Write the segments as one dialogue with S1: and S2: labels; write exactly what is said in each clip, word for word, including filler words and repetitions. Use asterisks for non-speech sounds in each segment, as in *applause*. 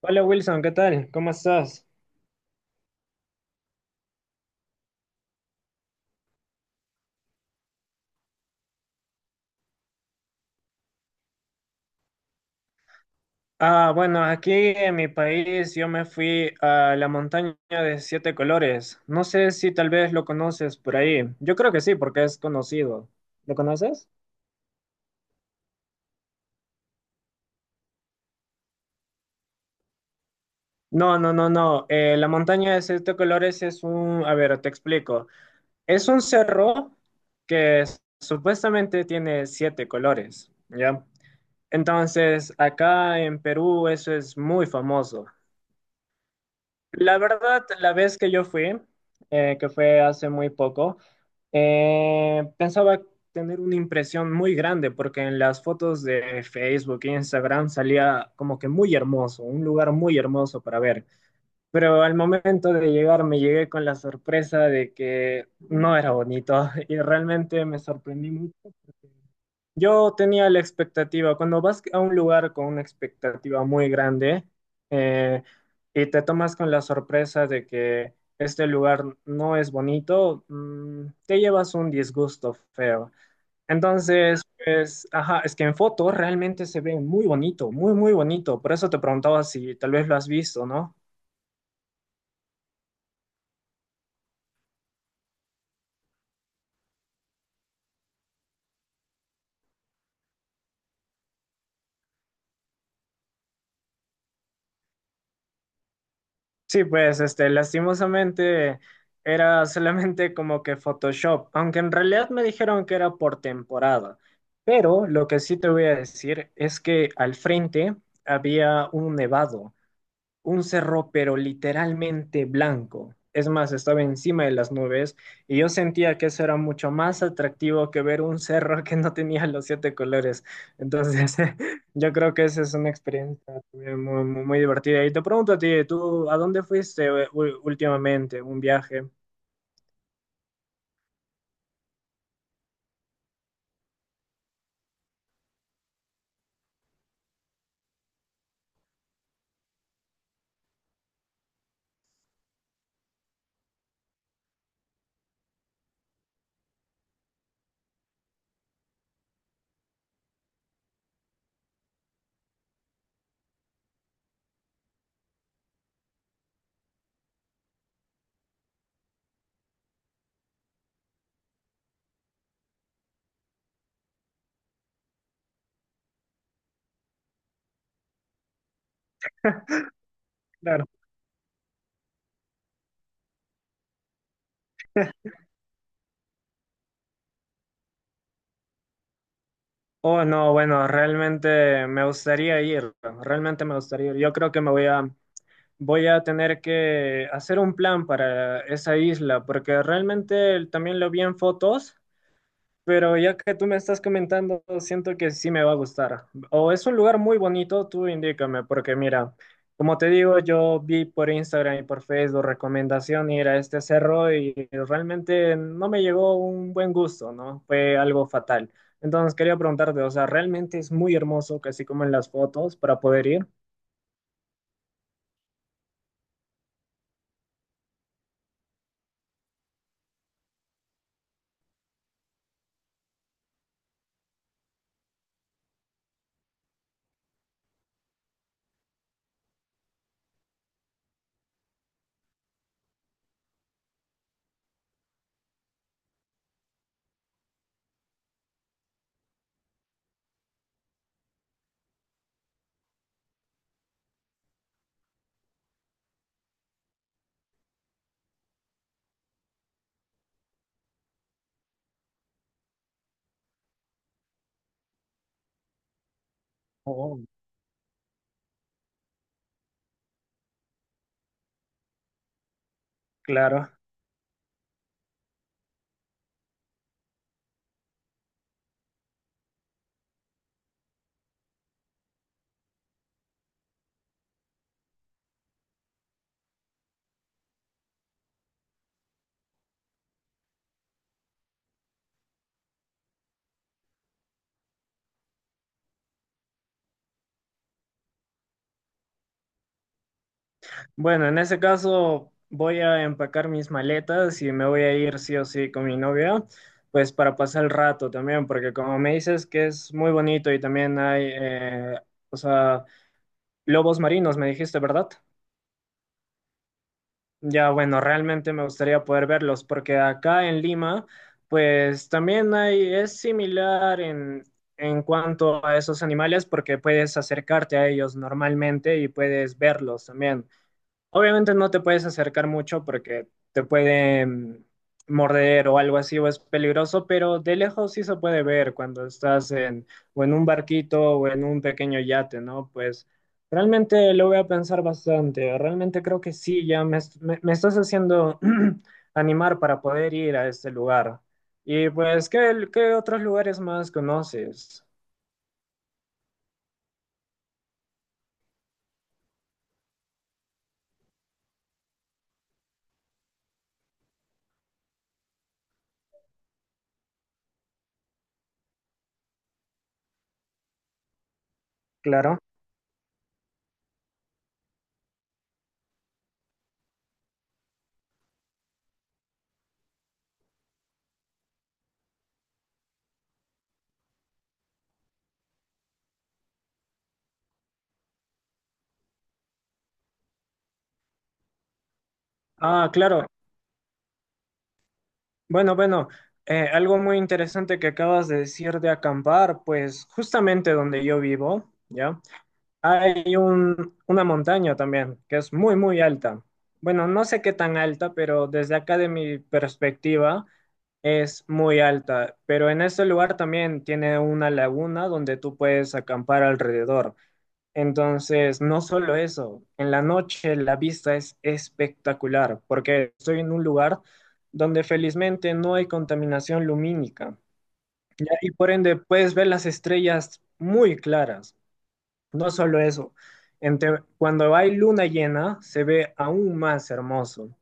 S1: Hola Wilson, ¿qué tal? ¿Cómo estás? Ah, bueno, aquí en mi país yo me fui a la montaña de siete colores. No sé si tal vez lo conoces por ahí. Yo creo que sí, porque es conocido. ¿Lo conoces? No, no, no, no. Eh, la montaña de siete colores es un, a ver, te explico. Es un cerro que s- supuestamente tiene siete colores, ¿ya? Entonces, acá en Perú eso es muy famoso. La verdad, la vez que yo fui, eh, que fue hace muy poco, eh, pensaba tener una impresión muy grande porque en las fotos de Facebook e Instagram salía como que muy hermoso, un lugar muy hermoso para ver. Pero al momento de llegar me llegué con la sorpresa de que no era bonito *laughs* y realmente me sorprendí mucho. Yo tenía la expectativa, cuando vas a un lugar con una expectativa muy grande eh, y te tomas con la sorpresa de que este lugar no es bonito, mm, te llevas un disgusto feo. Entonces, pues, ajá, es que en fotos realmente se ve muy bonito, muy, muy bonito. Por eso te preguntaba si tal vez lo has visto, ¿no? Sí, pues, este, lastimosamente era solamente como que Photoshop, aunque en realidad me dijeron que era por temporada. Pero lo que sí te voy a decir es que al frente había un nevado, un cerro, pero literalmente blanco. Es más, estaba encima de las nubes y yo sentía que eso era mucho más atractivo que ver un cerro *laughs* que no tenía los siete colores. Entonces, *laughs* yo creo que esa es una experiencia eh, muy, muy, muy divertida. Y te pregunto a ti, ¿tú a dónde fuiste eh, ú- últimamente? ¿Un viaje? Claro. Oh, no, bueno, realmente me gustaría ir. Realmente me gustaría ir. Yo creo que me voy a Voy a tener que hacer un plan para esa isla, porque realmente el- también lo vi en fotos, pero ya que tú me estás comentando, siento que sí me va a gustar. O es un lugar muy bonito, tú indícame, porque mira, como te digo, yo vi por Instagram y por Facebook recomendación ir a este cerro y realmente no me llegó un buen gusto, ¿no? Fue algo fatal. Entonces quería preguntarte, o sea, ¿realmente es muy hermoso, casi como en las fotos, para poder ir? Oh, claro. Bueno, en ese caso voy a empacar mis maletas y me voy a ir sí o sí con mi novia, pues para pasar el rato también, porque como me dices que es muy bonito y también hay, eh, o sea, lobos marinos, me dijiste, ¿verdad? Ya, bueno, realmente me gustaría poder verlos, porque acá en Lima, pues también hay, es similar en, en cuanto a esos animales, porque puedes acercarte a ellos normalmente y puedes verlos también. Obviamente no te puedes acercar mucho porque te pueden morder o algo así o es peligroso, pero de lejos sí se puede ver cuando estás en o en un barquito o en un pequeño yate, ¿no? Pues realmente lo voy a pensar bastante. Realmente creo que sí, ya me, est- me- me estás haciendo *clears throat* animar para poder ir a este lugar. Y pues, ¿qué, ¿qué otros lugares más conoces? Claro. Ah, claro. Bueno, bueno, eh, algo muy interesante que acabas de decir de acampar, pues justamente donde yo vivo, ¿ya? Hay un, una montaña también que es muy, muy alta. Bueno, no sé qué tan alta, pero desde acá de mi perspectiva es muy alta. Pero en ese lugar también tiene una laguna donde tú puedes acampar alrededor. Entonces, no solo eso, en la noche la vista es espectacular porque estoy en un lugar donde felizmente no hay contaminación lumínica, ¿ya? Y por ende puedes ver las estrellas muy claras. No solo eso, entre- cuando hay luna llena se ve aún más hermoso.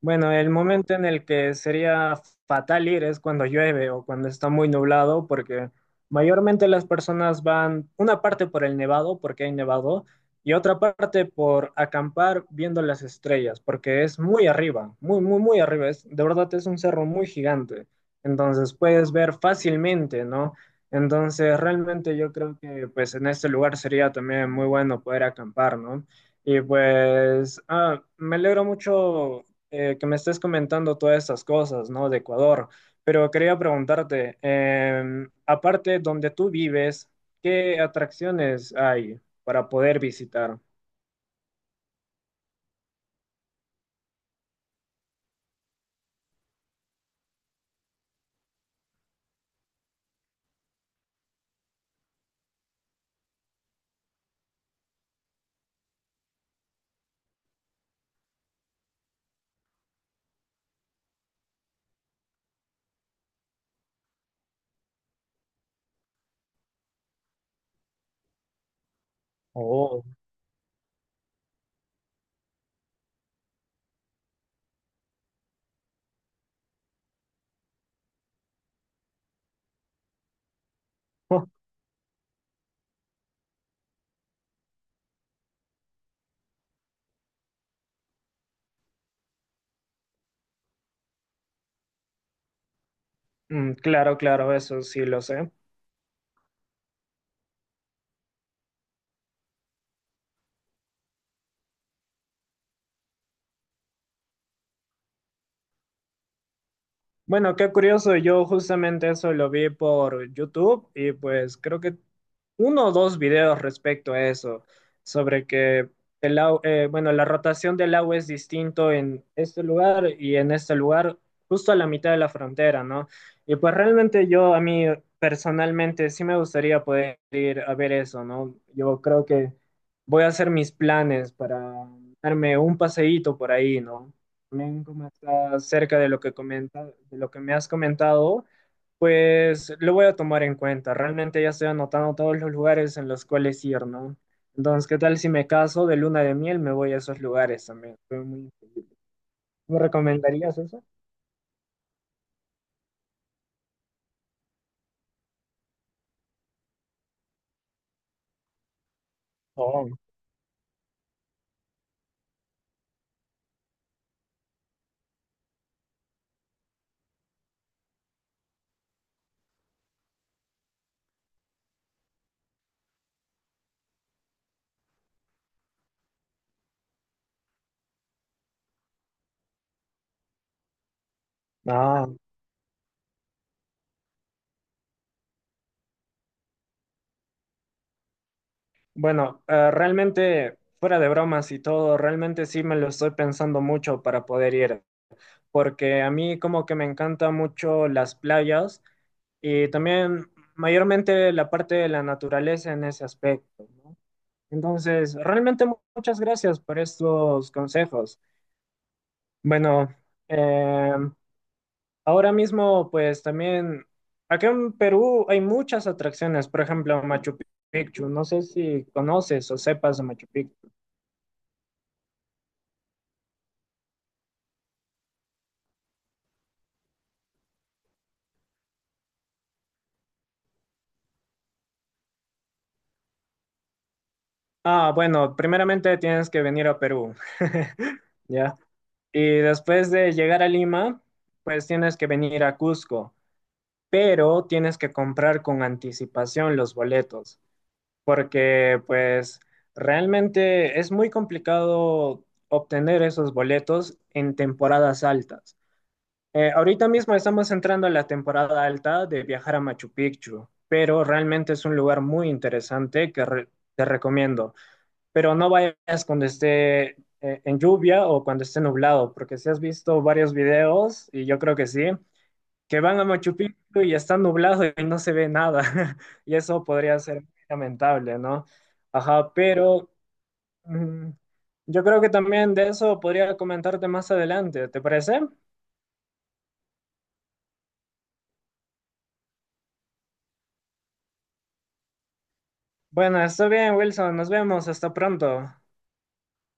S1: Bueno, el momento en el que sería fatal ir es cuando llueve o cuando está muy nublado, porque mayormente las personas van una parte por el nevado, porque hay nevado, y otra parte por acampar viendo las estrellas, porque es muy arriba, muy, muy, muy arriba. Es, de verdad es un cerro muy gigante. Entonces puedes ver fácilmente, ¿no? Entonces, realmente yo creo que pues en este lugar sería también muy bueno poder acampar, ¿no? Y pues, ah, me alegro mucho eh, que me estés comentando todas estas cosas, ¿no? De Ecuador, pero quería preguntarte, eh, aparte donde tú vives, ¿qué atracciones hay para poder visitar? Oh. *laughs* Mm, claro, claro, eso sí lo sé. Bueno, qué curioso, yo justamente eso lo vi por YouTube y pues creo que uno o dos videos respecto a eso, sobre que el au- eh, bueno, la rotación del agua es distinto en este lugar y en este lugar, justo a la mitad de la frontera, ¿no? Y pues realmente yo, a mí personalmente, sí me gustaría poder ir a ver eso, ¿no? Yo creo que voy a hacer mis planes para darme un paseíto por ahí, ¿no? También como está cerca de lo que comenta, de lo que me has comentado, pues lo voy a tomar en cuenta. Realmente ya estoy anotando todos los lugares en los cuales ir, ¿no? Entonces, ¿qué tal si me caso de luna de miel? Me voy a esos lugares también. Fue muy- ¿Me recomendarías eso? Oh, ah. Bueno, eh, realmente, fuera de bromas y todo, realmente sí me lo estoy pensando mucho para poder ir, porque a mí como que me encanta mucho las playas y también mayormente la parte de la naturaleza en ese aspecto, ¿no? Entonces, realmente mu- muchas gracias por estos consejos. Bueno, eh, ahora mismo, pues también, acá en Perú hay muchas atracciones, por ejemplo, Machu Picchu. No sé si conoces o sepas de Machu Picchu. Ah, bueno, primeramente tienes que venir a Perú, *laughs* ¿ya? Y después de llegar a Lima, pues tienes que venir a Cusco, pero tienes que comprar con anticipación los boletos, porque pues realmente es muy complicado obtener esos boletos en temporadas altas. Eh, ahorita mismo estamos entrando a la temporada alta de viajar a Machu Picchu, pero realmente es un lugar muy interesante que re- te recomiendo. Pero no vayas cuando esté eh, en lluvia o cuando esté nublado, porque si has visto varios videos, y yo creo que sí, que van a Machu Picchu y está nublado y no se ve nada. *laughs* Y eso podría ser muy lamentable, ¿no? Ajá, pero mm, yo creo que también de eso podría comentarte más adelante, ¿te parece? Bueno, está bien, Wilson, nos vemos, hasta pronto.